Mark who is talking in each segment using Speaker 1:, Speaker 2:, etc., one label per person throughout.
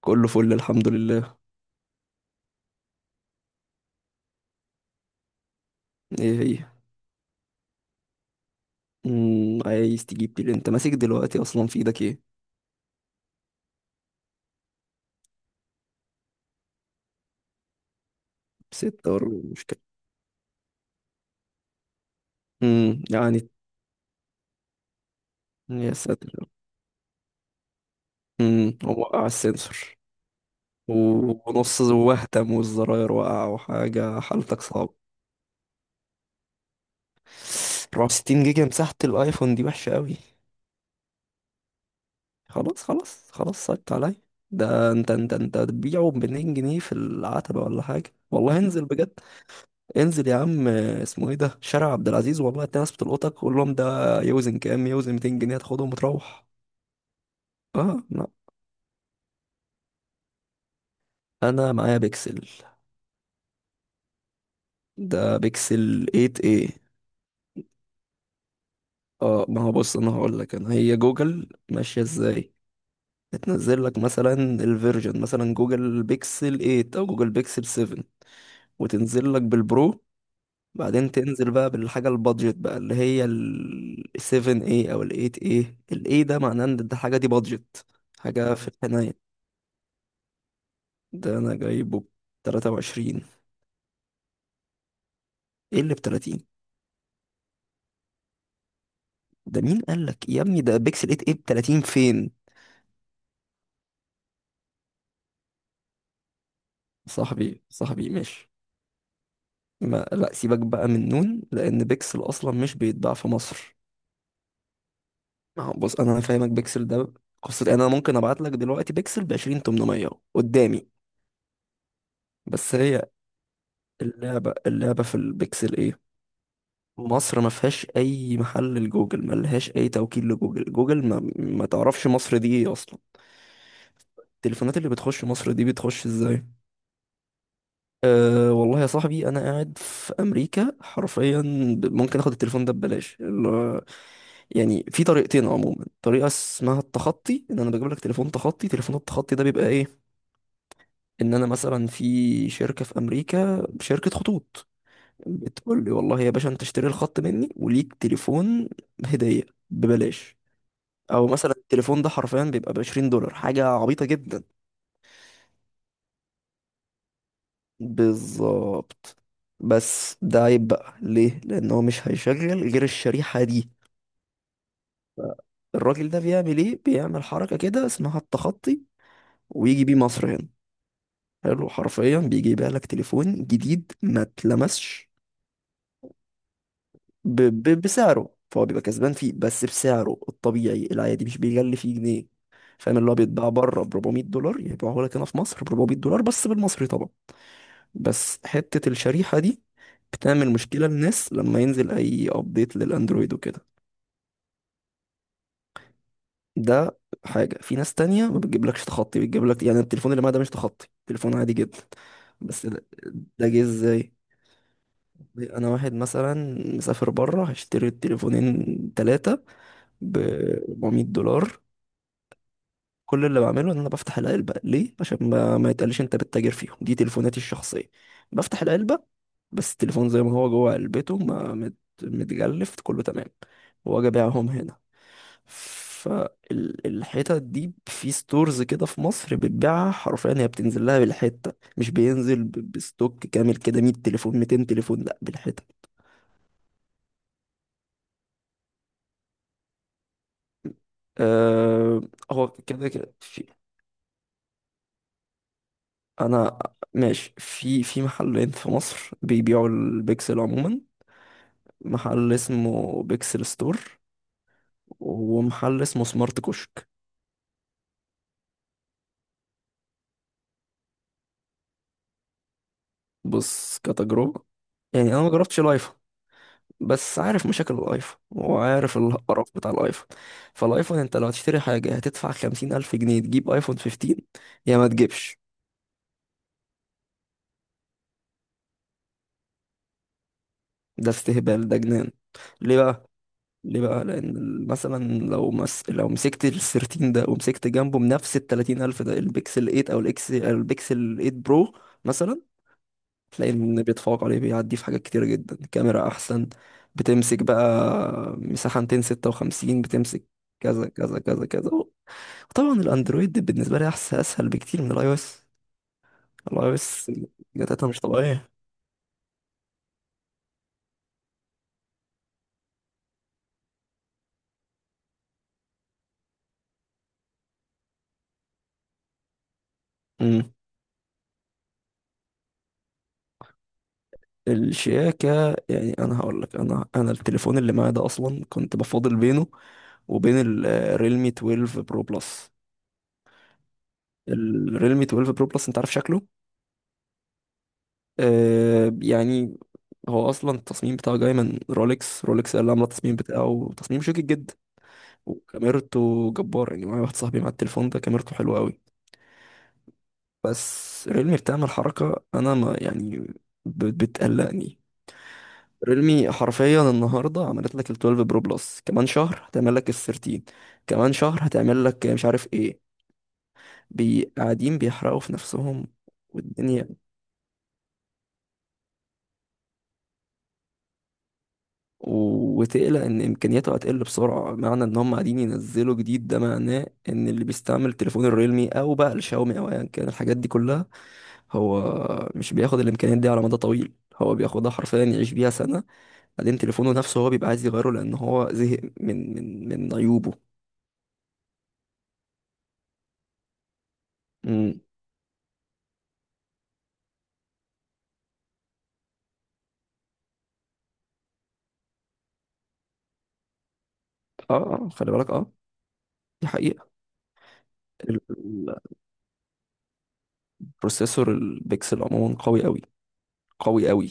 Speaker 1: كله فل الحمد لله. ايه هي؟ عايز تجيب بيل، انت ماسك دلوقتي اصلا في ايدك ايه؟ ستة ولا مشكلة. يعني. يا ساتر. هو وقع السنسور ونص وهتم والزراير وقع وحاجة، حالتك صعبة. 64 جيجا مساحة الايفون دي وحشة قوي. خلاص خلاص خلاص، صعبت عليا. ده انت هتبيعه ب 200 جنيه في العتبة ولا حاجة؟ والله انزل بجد، انزل يا عم. اسمه ايه ده، شارع عبد العزيز، والله هتلاقي ناس بتلقطك، قول لهم ده يوزن كام. يوزن 200 جنيه، تاخدهم وتروح. اه لا، انا معايا بيكسل. ده بيكسل 8 ايه. اه، ما هو بص، انا هقول لك انا هي جوجل ماشيه ازاي. بتنزل لك مثلا الفيرجن، مثلا جوجل بيكسل 8 او جوجل بيكسل 7، وتنزل لك بالبرو، بعدين تنزل بقى بالحاجه البادجت، بقى اللي هي ال 7 ايه او ال 8 ايه. ال 8 ده معناه ان ده الحاجه دي بادجت. حاجه في الحنايه. ده انا جايبه ب 23. ايه اللي ب 30؟ ده مين قال لك يا ابني ده بيكسل 8 ايه ب 30 فين؟ صاحبي صاحبي، ماشي. ما لا، سيبك بقى من نون، لان بيكسل اصلا مش بيتباع في مصر. ما هو بص انا فاهمك، بيكسل ده قصة. يعني انا ممكن ابعت لك دلوقتي بيكسل ب 20، 800 قدامي. بس هي اللعبة، اللعبة في البيكسل ايه؟ مصر ما فيهاش اي محل لجوجل، ما لهاش اي توكيل لجوجل، جوجل ما تعرفش مصر دي ايه اصلا. التليفونات اللي بتخش مصر دي بتخش ازاي؟ أه والله يا صاحبي، انا قاعد في امريكا حرفيا. ممكن اخد التليفون ده ببلاش، يعني في طريقتين عموما. طريقه اسمها التخطي، ان انا بجيب لك تليفون تخطي. تليفون التخطي ده بيبقى ايه؟ ان انا مثلا في شركه في امريكا، شركه خطوط، بتقول لي والله يا باشا انت اشتري الخط مني وليك تليفون هديه، ببلاش. او مثلا التليفون ده حرفيا بيبقى ب 20 دولار، حاجه عبيطه جدا. بالظبط. بس ده عيب بقى، ليه؟ لان هو مش هيشغل غير الشريحه دي. الراجل ده بيعمل ايه؟ بيعمل حركة كده اسمها التخطي، ويجي بيه مصر هنا. حلو، حرفيا بيجي يبيع لك تليفون جديد ما اتلمسش، بسعره. فهو بيبقى كسبان فيه، بس بسعره الطبيعي العادي، مش بيغلي فيه جنيه. فاهم؟ اللي هو بيتباع بره ب 400 دولار، يبيعه لك هنا في مصر ب 400 دولار، بس بالمصري طبعا. بس حتة الشريحة دي بتعمل مشكلة للناس لما ينزل اي ابديت للاندرويد وكده. ده حاجة، في ناس تانية ما بتجيبلكش تخطي، بتجيبلك يعني التليفون اللي معاه ده مش تخطي، تليفون عادي جدا. بس ده، ده جه ازاي؟ انا واحد مثلا مسافر بره، هشتري التليفونين، تلاتة، ب 400 دولار. كل اللي بعمله ان انا بفتح العلبه، ليه؟ عشان ما يتقاليش انت بتتاجر فيهم، دي تليفوناتي الشخصيه. بفتح العلبه، بس التليفون زي ما هو جوه علبته، ما متجلف، كله تمام. واجي ابيعهم هنا، فالحتت دي في ستورز كده في مصر بتبيعها حرفيا، هي بتنزل لها بالحته، مش بينزل بستوك كامل كده 100 تليفون 200 تليفون، لا، بالحته. أه. هو كده كده. انا ماشي في محلين في مصر بيبيعوا البيكسل عموما، محل اسمه بيكسل ستور ومحل اسمه سمارت كشك. بص كتجربة، يعني انا ما جربتش الايفون، بس عارف مشاكل الايفون وعارف القرف بتاع الايفون. فالايفون انت لو هتشتري حاجة هتدفع خمسين الف جنيه تجيب ايفون 15، يا ما تجيبش. ده استهبال، ده جنان. ليه بقى؟ ليه بقى؟ لان مثلا لو لو مسكت ال 13 ده ومسكت جنبه بنفس ال 30000 ده البيكسل 8 او الاكس، البيكسل 8 برو مثلا، تلاقي ان بيتفوق عليه، بيعدي في حاجات كتيره جدا، كاميرا احسن، بتمسك بقى مساحه 256، بتمسك كذا كذا كذا كذا. وطبعا الاندرويد بالنسبه لي احسن، اسهل بكتير من الاي او اس. الاي او اس جاتتها مش طبيعيه. امم. الشياكه، يعني انا هقول لك، انا التليفون اللي معايا ده اصلا كنت بفاضل بينه وبين الريلمي 12 برو بلس. الريلمي 12 برو بلس انت عارف شكله؟ يعني، هو اصلا التصميم بتاعه جاي من رولكس. رولكس هي اللي عامله التصميم بتاعه، تصميم شيك جدا، وكاميرته جبار، يعني معايا واحد صاحبي مع التليفون ده، كاميرته حلوه قوي. بس ريلمي بتعمل حركه انا ما يعني، بتقلقني. ريلمي حرفيا النهارده عملت لك ال 12 برو بلس، كمان شهر هتعمل لك ال 13، كمان شهر هتعمل لك مش عارف ايه. قاعدين بيحرقوا في نفسهم والدنيا، وتقلق ان امكانياته هتقل بسرعه، معنى ان هم قاعدين ينزلوا جديد، ده معناه ان اللي بيستعمل التليفون الريلمي او بقى الشاومي او ايا كان، الحاجات دي كلها هو مش بياخد الامكانيات دي على مدى طويل، هو بياخدها حرفيا يعيش بيها سنه، بعدين تليفونه نفسه هو بيبقى عايز يغيره لان هو زهق من عيوبه. امم. اه. آه، خلي بالك، اه، دي حقيقه. ال- ال- البروسيسور البيكسل عموما قوي قوي قوي قوي.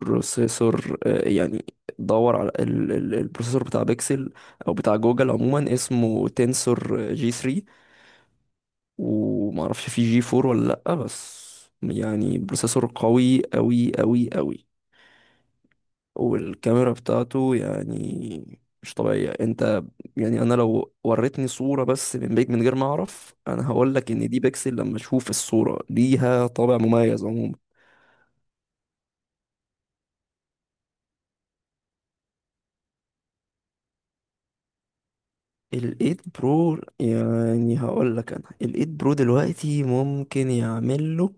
Speaker 1: بروسيسور، يعني، دور على البروسيسور بتاع بيكسل او بتاع جوجل عموما، اسمه تنسور جي 3. ومعرفش في جي 4 ولا لأ. بس يعني بروسيسور قوي قوي قوي قوي. والكاميرا بتاعته يعني مش طبيعية. انت يعني انا لو وريتني صورة بس من بيك من غير ما اعرف، انا هقولك ان دي بيكسل. لما اشوف الصورة ليها طابع مميز عموما. الايد برو، يعني هقول لك، انا الايد برو دلوقتي ممكن يعمل له،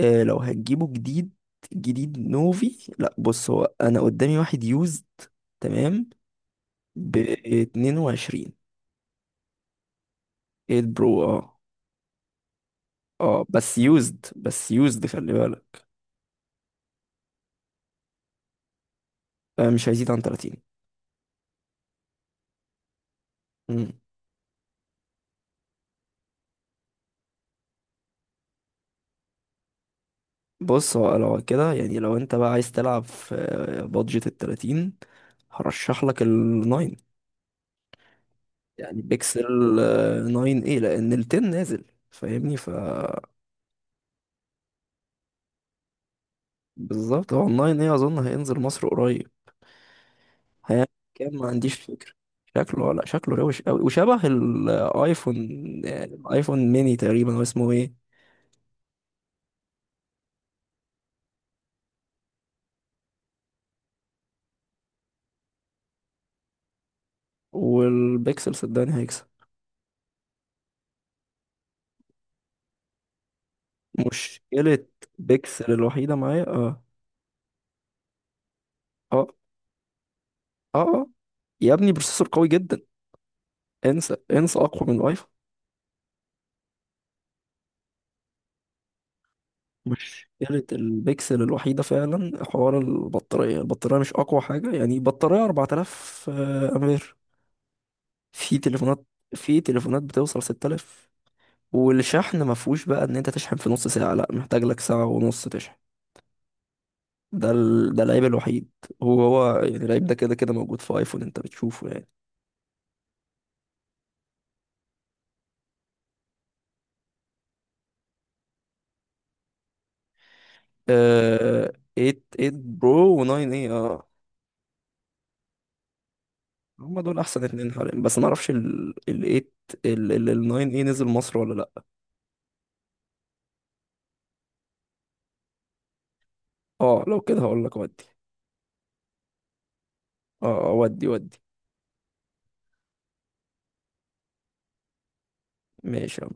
Speaker 1: آه، لو هتجيبه جديد جديد نوفي، لا. بص هو انا قدامي واحد يوزد، تمام، ب 22، 8 برو، اه. اه بس يوزد، بس يوزد، خلي بالك. آه مش هيزيد عن 30. مم. بص، هو لو كده يعني لو انت بقى عايز تلعب في بادجت ال 30، هرشح لك ال 9. يعني بيكسل، 9 ايه، لان ال 10 نازل. فاهمني؟ ف بالظبط، هو ال 9 ايه اظن هينزل مصر قريب. هيعمل كام؟ ما عنديش فكرة. شكله، لا شكله روش قوي وشبه الايفون، يعني الايفون ميني تقريبا. هو اسمه ايه؟ والبيكسل صدقني هيكسب. مشكلة بيكسل الوحيدة معايا، اه. اه اه. اه يا ابني بروسيسور قوي جدا، انسى انسى، اقوى من الايفون. مش مشكلة البكسل الوحيدة فعلا، حوار البطارية. البطارية مش أقوى حاجة. يعني بطارية 4000، أمبير، في تليفونات، في تليفونات بتوصل 6000، والشحن ما فيهوش بقى إن أنت تشحن في نص ساعة، لأ محتاج لك ساعة ونص تشحن. ده العيب الوحيد. هو يعني العيب ده كده كده موجود في ايفون، انت بتشوفه يعني. آه... 8، 8 برو و9 اي، اه. هما دول احسن اتنين حاليا، بس ما اعرفش ال 8، ال 9 اي نزل مصر ولا لا. اه لو كده هقول لك، ودي، اه، آه، ودي ودي. ماشي يلا.